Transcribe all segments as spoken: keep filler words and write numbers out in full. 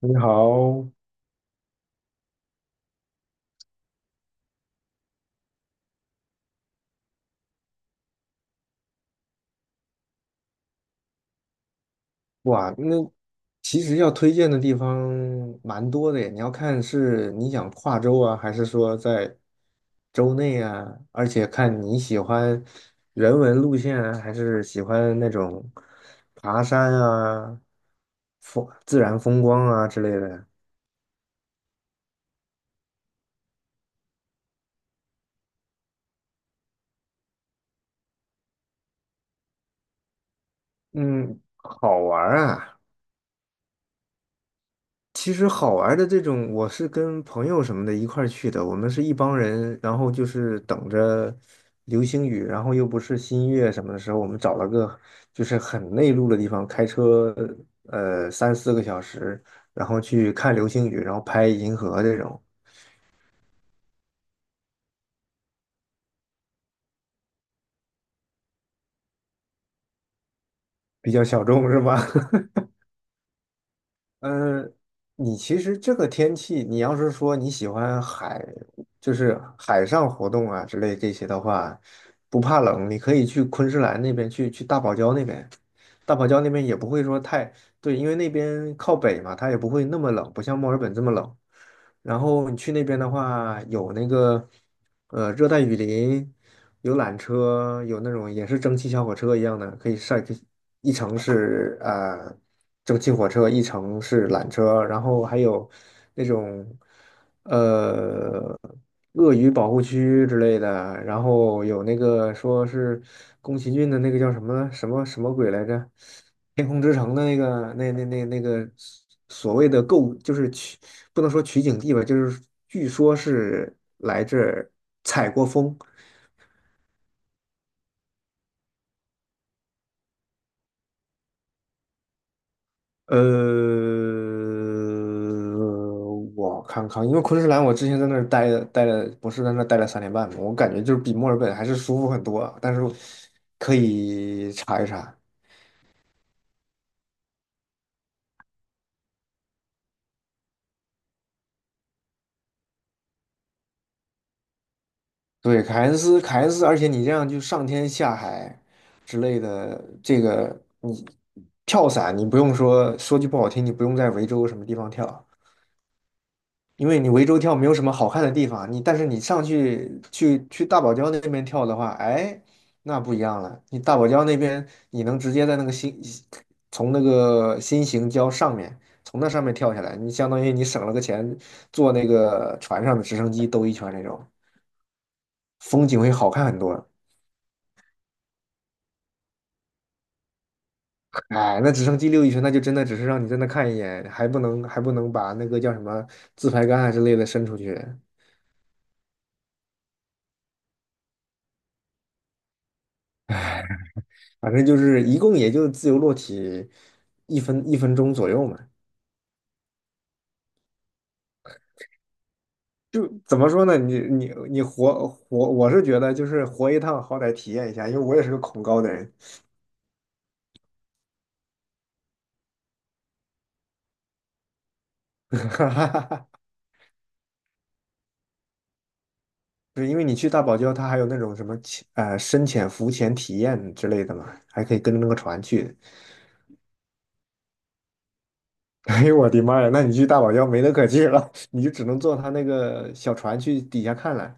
你好。哇，那其实要推荐的地方蛮多的耶，你要看是你想跨州啊，还是说在州内啊，而且看你喜欢人文路线啊，还是喜欢那种爬山啊、风自然风光啊之类的。嗯，好玩儿啊。其实好玩儿的这种，我是跟朋友什么的一块儿去的，我们是一帮人，然后就是等着流星雨，然后又不是新月什么的时候，我们找了个就是很内陆的地方，开车呃三四个小时，然后去看流星雨，然后拍银河这种，比较小众是吧？嗯，呃你其实这个天气，你要是说你喜欢海，就是海上活动啊之类这些的话，不怕冷，你可以去昆士兰那边，去去大堡礁那边。大堡礁那边也不会说太。对，因为那边靠北嘛，它也不会那么冷，不像墨尔本这么冷。然后你去那边的话，有那个呃热带雨林，有缆车，有那种也是蒸汽小火车一样的，可以晒，可以一层是呃蒸汽火车，一层是缆车，然后还有那种。呃，鳄鱼保护区之类的，然后有那个说是宫崎骏的那个叫什么什么什么鬼来着，《天空之城》的那个那那那那个所谓的构就是取不能说取景地吧，就是据说是来这儿采过风。呃，我看看，因为昆士兰我之前在那儿待了待了，不是在那儿待了三年半嘛，我感觉就是比墨尔本还是舒服很多啊。但是可以查一查。对，凯恩斯，凯恩斯，而且你这样就上天下海之类的，这个你跳伞，你不用说，说句不好听，你不用在维州什么地方跳，因为你涠洲跳没有什么好看的地方，你但是你上去去去大堡礁那边跳的话，哎，那不一样了。你大堡礁那边，你能直接在那个新从那个新型礁上面，从那上面跳下来，你相当于你省了个钱，坐那个船上的直升机兜一圈那种，风景会好看很多。哎，那直升机溜一圈，那就真的只是让你在那看一眼，还不能还不能把那个叫什么自拍杆啊之类的伸出去。反正就是一共也就自由落体一分一分钟左右嘛。就怎么说呢？你你你活活，我是觉得就是活一趟，好歹体验一下，因为我也是个恐高的人。就是因为你去大堡礁，它还有那种什么潜呃深潜、浮潜体验之类的嘛，还可以跟着那个船去。哎呦我的妈呀！那你去大堡礁没得可去了。你就只能坐他那个小船去底下看了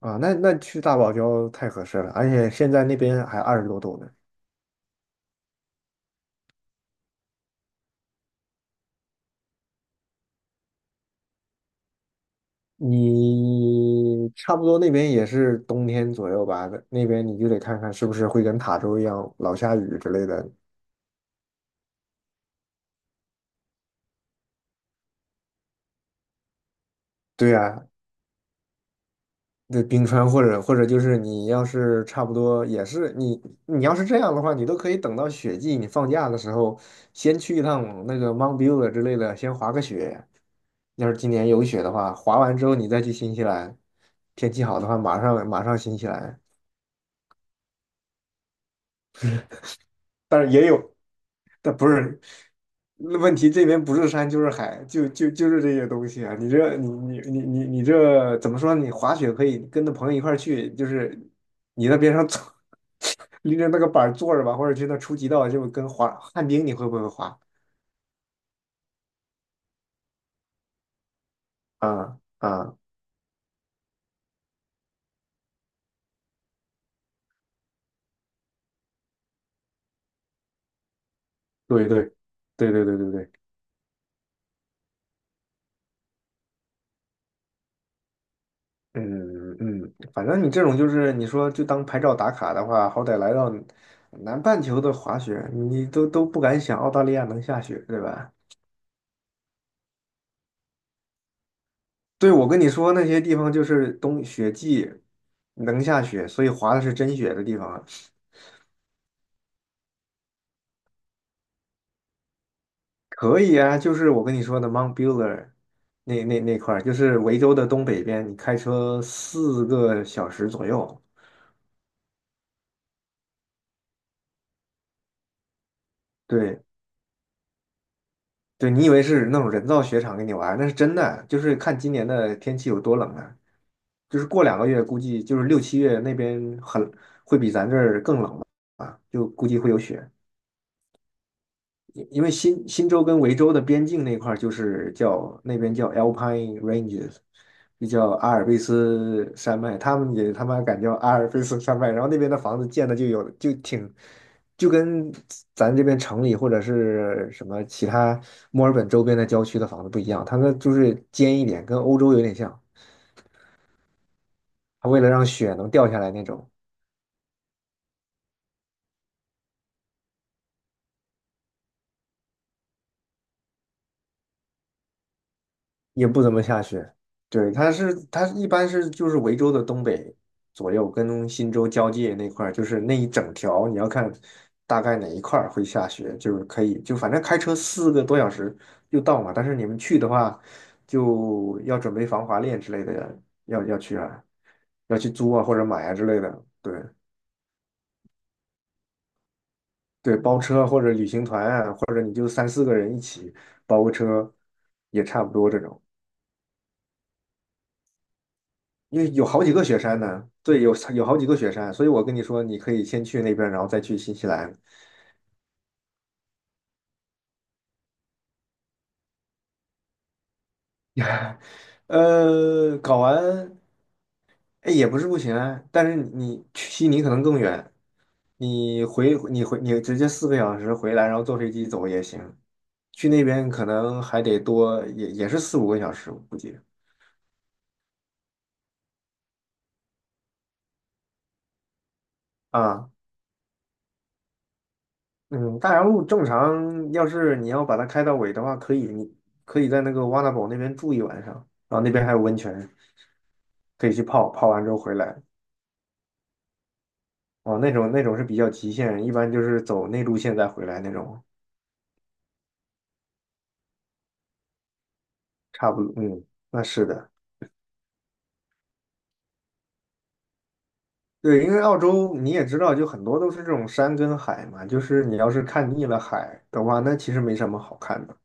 啊。那那去大堡礁太合适了，而且现在那边还二十多度呢。你差不多那边也是冬天左右吧，那边你就得看看是不是会跟塔州一样老下雨之类的。对啊，那冰川或者或者就是你要是差不多也是你你要是这样的话，你都可以等到雪季，你放假的时候先去一趟那个 Mount Buller 之类的，先滑个雪。要是今年有雪的话，滑完之后你再去新西兰，天气好的话马上马上新西兰。但是也有。但不是那问题，这边不是山就是海，就就就是这些东西啊！你这你你你你你这怎么说呢，你滑雪可以跟着朋友一块儿去，就是你在边上坐，拎着那个板儿坐着吧，或者去那初级道，就跟滑旱冰，你会不会滑？啊啊，对对对对对对对，嗯嗯，反正你这种就是你说就当拍照打卡的话，好歹来到南半球的滑雪，你都都不敢想澳大利亚能下雪，对吧？对，我跟你说，那些地方就是冬雪季，能下雪，所以滑的是真雪的地方啊，可以啊。就是我跟你说的 Mount Buller 那那那块儿，就是维州的东北边，你开车四个小时左右。对对，你以为是那种人造雪场给你玩儿那是真的，就是看今年的天气有多冷啊。就是过两个月，估计就是六七月那边很会比咱这儿更冷吧，啊，就估计会有雪。因因为新新州跟维州的边境那块儿就是叫那边叫 Alpine Ranges,就叫阿尔卑斯山脉，他们也他妈敢叫阿尔卑斯山脉，然后那边的房子建的就有就挺就跟咱这边城里或者是什么其他墨尔本周边的郊区的房子不一样，它那就是尖一点，跟欧洲有点像，它为了让雪能掉下来那种。也不怎么下雪。对，它是它一般是就是维州的东北左右，跟新州交界那块儿，就是那一整条，你要看大概哪一块儿会下雪，就是可以就反正开车四个多小时就到嘛。但是你们去的话，就要准备防滑链之类的，要要去啊，要去租啊或者买啊之类的。对对，包车或者旅行团啊，或者你就三四个人一起包个车，也差不多这种。因为有好几个雪山呢，对，有有好几个雪山，所以我跟你说，你可以先去那边，然后再去新西兰。呃，搞完，哎，也不是不行啊，但是你去悉尼可能更远，你回你回你直接四个小时回来，然后坐飞机走也行。去那边可能还得多，也也是四五个小时，我估计啊。嗯，大洋路正常，要是你要把它开到尾的话，可以，你可以在那个瓦纳堡那边住一晚上，然后那边还有温泉。可以去泡，泡完之后回来。哦，那种那种是比较极限，一般就是走内陆线再回来那种，差不多。嗯，那是的。对，因为澳洲你也知道，就很多都是这种山跟海嘛，就是你要是看腻了海的话，那其实没什么好看的。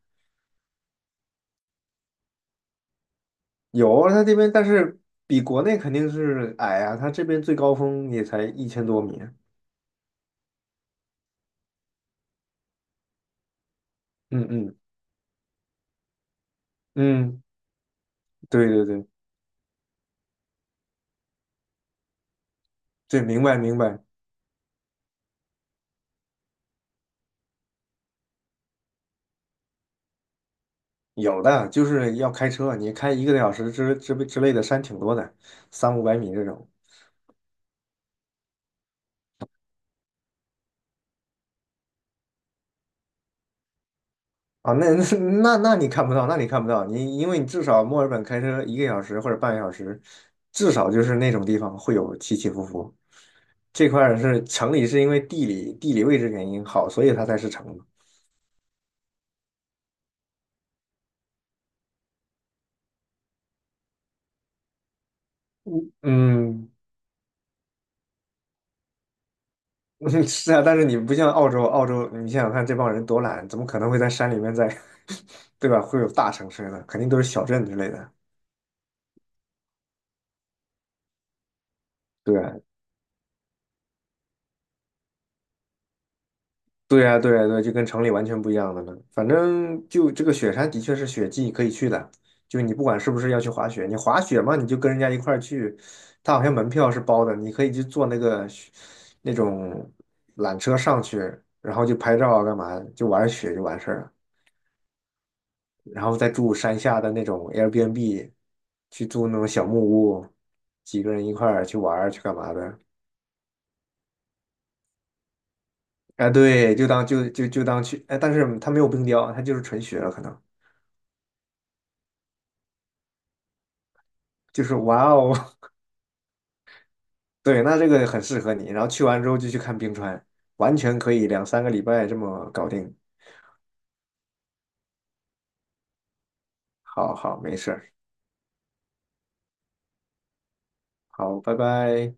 有啊，它这边但是比国内肯定是矮啊，它这边最高峰也才一千多米。嗯嗯嗯，对对对对，明白明白。有的就是要开车，你开一个多小时之之之类的山挺多的，三五百米这种。啊，那 那那你看不到，那你看不到，你因为你至少墨尔本开车一个小时或者半个小时，至少就是那种地方会有起起伏伏。这块儿是城里是因为地理地理位置原因好，所以它才是城嘛。嗯，是啊，但是你不像澳洲，澳洲你想想看，这帮人多懒，怎么可能会在山里面在，对吧？会有大城市呢？肯定都是小镇之类的。对，对呀，对呀，对，就跟城里完全不一样的呢。反正就这个雪山的确是雪季可以去的，就你不管是不是要去滑雪，你滑雪嘛，你就跟人家一块儿去，他好像门票是包的，你可以去坐那个雪那种缆车上去，然后就拍照啊，干嘛，就玩雪就完事儿了，然后再住山下的那种 Airbnb,去住那种小木屋，几个人一块儿去玩儿去干嘛的。哎，对，就当就就就当去，哎，但是它没有冰雕，它就是纯雪了，可能。就是哇哦。对，那这个很适合你。然后去完之后就去看冰川，完全可以两三个礼拜这么搞定。好好，没事儿，好，拜拜。